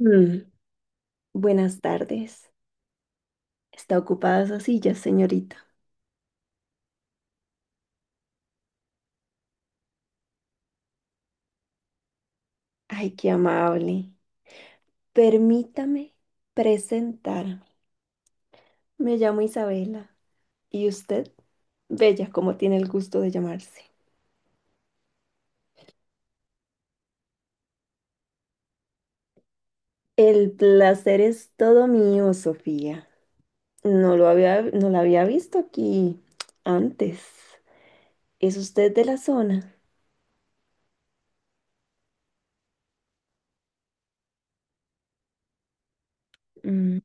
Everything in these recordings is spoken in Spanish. Mm, Buenas tardes. ¿Está ocupada esa silla, señorita? Ay, qué amable. Permítame presentarme. Me llamo Isabela. ¿Y usted? Bella, como tiene el gusto de llamarse. El placer es todo mío, Sofía. No la había visto aquí antes. ¿Es usted de la zona? Mm,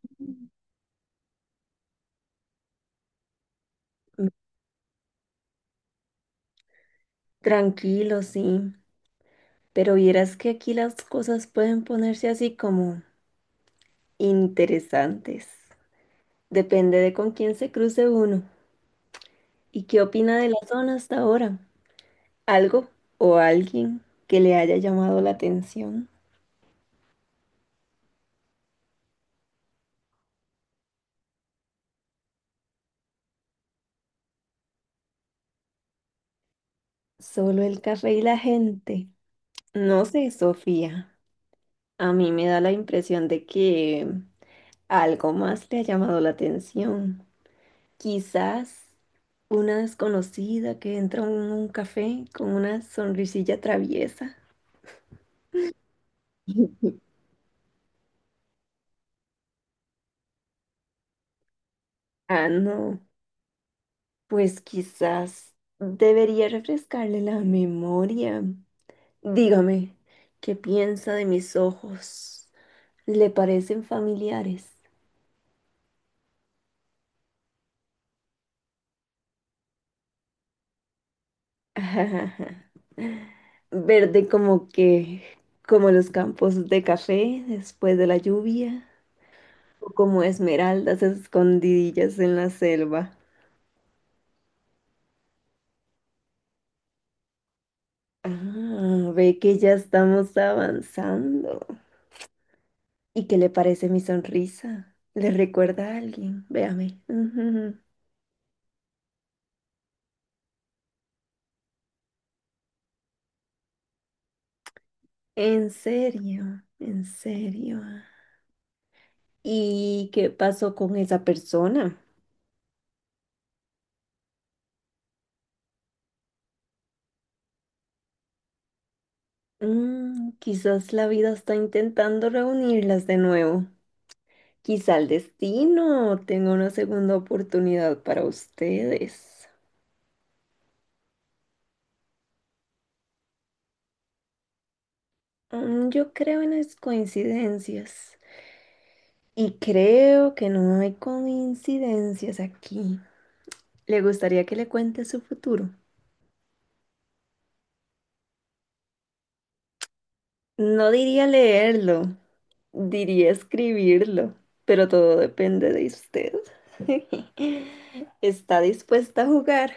tranquilo, sí. Pero vieras que aquí las cosas pueden ponerse así como interesantes. Depende de con quién se cruce uno y qué opina de la zona hasta ahora. Algo o alguien que le haya llamado la atención. Solo el café y la gente. No sé, Sofía. A mí me da la impresión de que algo más le ha llamado la atención. Quizás una desconocida que entra en un café con una sonrisilla traviesa. Ah, no. Pues quizás debería refrescarle la memoria. Dígame, ¿qué piensa de mis ojos? ¿Le parecen familiares? Verde como que, como los campos de café después de la lluvia, o como esmeraldas escondidillas en la selva. Ah, ve que ya estamos avanzando. ¿Y qué le parece mi sonrisa? ¿Le recuerda a alguien? Véame. Ujú. En serio, en serio. ¿Y qué pasó con esa persona? Mm, quizás la vida está intentando reunirlas de nuevo. Quizá el destino tenga una segunda oportunidad para ustedes. Mm, yo creo en las coincidencias. Y creo que no hay coincidencias aquí. ¿Le gustaría que le cuente su futuro? No diría leerlo, diría escribirlo, pero todo depende de usted. ¿Está dispuesta a jugar?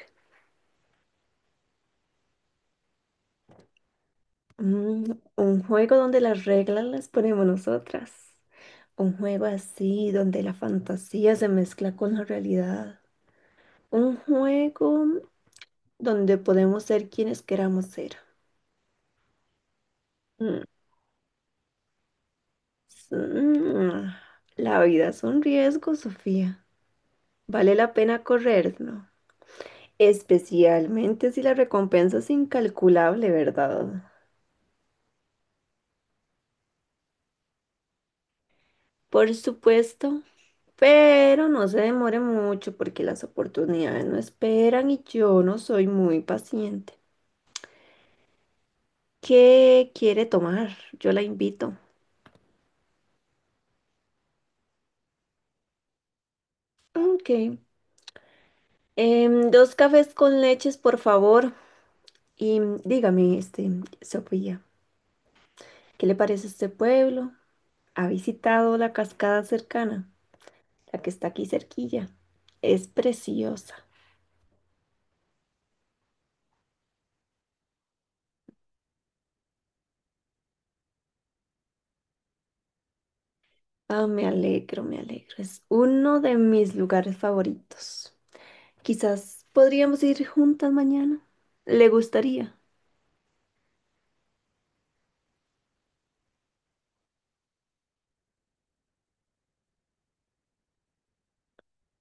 Mm, un juego donde las reglas las ponemos nosotras. Un juego así donde la fantasía se mezcla con la realidad. Un juego donde podemos ser quienes queramos ser. Mm, s- mm, La vida es un riesgo, Sofía. Vale la pena correr, ¿no? Especialmente si la recompensa es incalculable, ¿verdad? Por supuesto, pero no se demore mucho porque las oportunidades no esperan y yo no soy muy paciente. ¿Qué quiere tomar? Yo la invito. Ok. Dos cafés con leches, por favor. Y dígame, este, Sofía, ¿qué le parece este pueblo? ¿Ha visitado la cascada cercana? La que está aquí cerquilla. Es preciosa. Ah, me alegro, me alegro. Es uno de mis lugares favoritos. Quizás podríamos ir juntas mañana. ¿Le gustaría?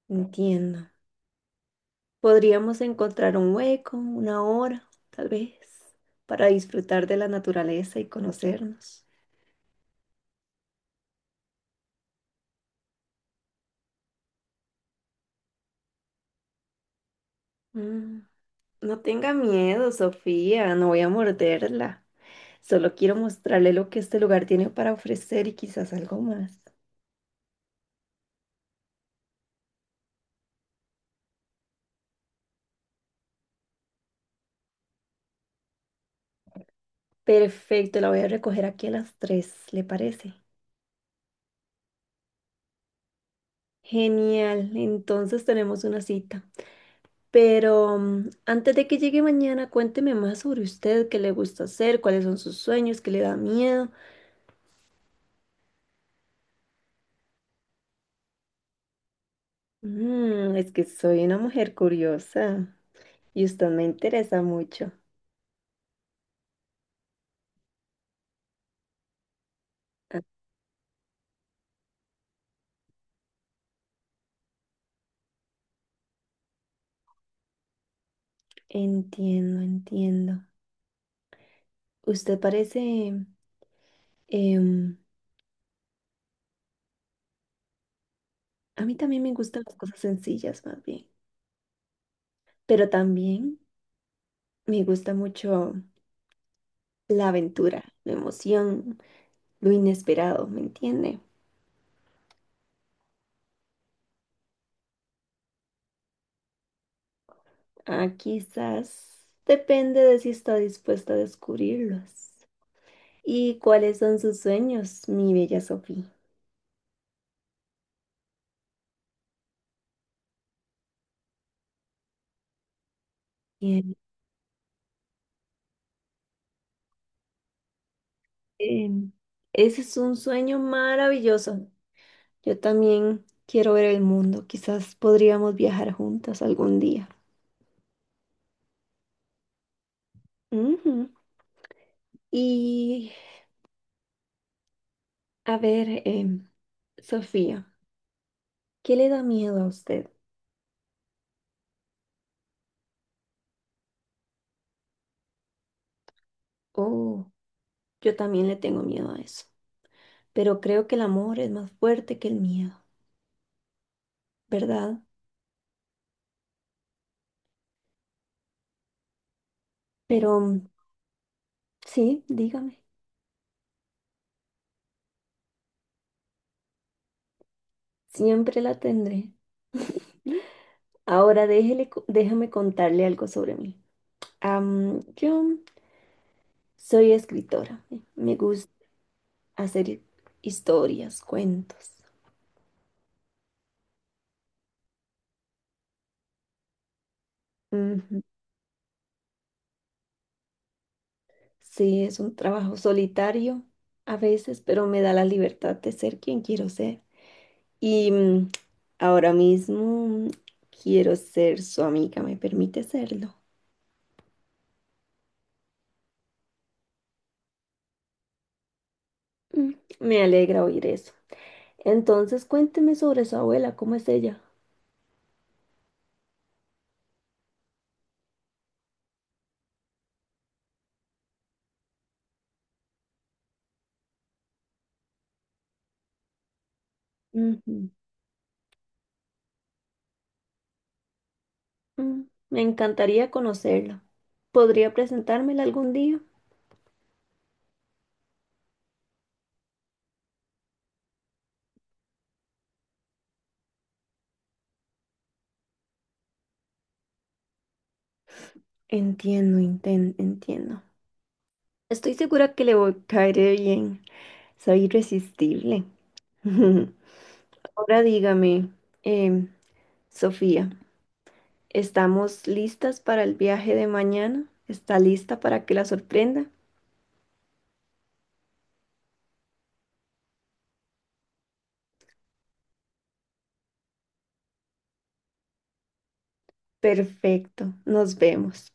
Entiendo. Podríamos encontrar un hueco, una hora, tal vez, para disfrutar de la naturaleza y conocernos. Mm, No tenga miedo, Sofía, no voy a morderla. Solo quiero mostrarle lo que este lugar tiene para ofrecer y quizás algo más. Perfecto, la voy a recoger aquí a las tres, ¿le parece? Genial, entonces tenemos una cita. Pero antes de que llegue mañana, cuénteme más sobre usted, qué le gusta hacer, cuáles son sus sueños, qué le da miedo. Mm, es que soy una mujer curiosa y usted me interesa mucho. Ah, entiendo, entiendo. Usted parece... em, a mí también me gustan las cosas sencillas, más bien. Pero también me gusta mucho la aventura, la emoción, lo inesperado, ¿me entiende? Ah, quizás depende de si está dispuesta a descubrirlos. ¿Y cuáles son sus sueños, mi bella Sofía? Bien, em, ese es un sueño maravilloso. Yo también quiero ver el mundo. Quizás podríamos viajar juntas algún día. Ujú. Y a ver, Sofía, ¿qué le da miedo a usted? Oh, yo también le tengo miedo a eso. Pero creo que el amor es más fuerte que el miedo, ¿verdad? Pero sí, dígame. Siempre la tendré. Ahora déjame contarle algo sobre mí. Yo soy escritora. Me gusta hacer historias, cuentos. Ujú. Sí, es un trabajo solitario a veces, pero me da la libertad de ser quien quiero ser. Y ahora mismo quiero ser su amiga. ¿Me permite serlo? Mm, Me alegra oír eso. Entonces, cuénteme sobre su abuela. ¿Cómo es ella? Mm, Me encantaría conocerlo. ¿Podría presentármela algún día? Entiendo. Estoy segura que le voy a caer bien. Soy irresistible. Ahora dígame, em, Sofía, ¿estamos listas para el viaje de mañana? ¿Está lista para que la sorprenda? Perfecto, nos vemos.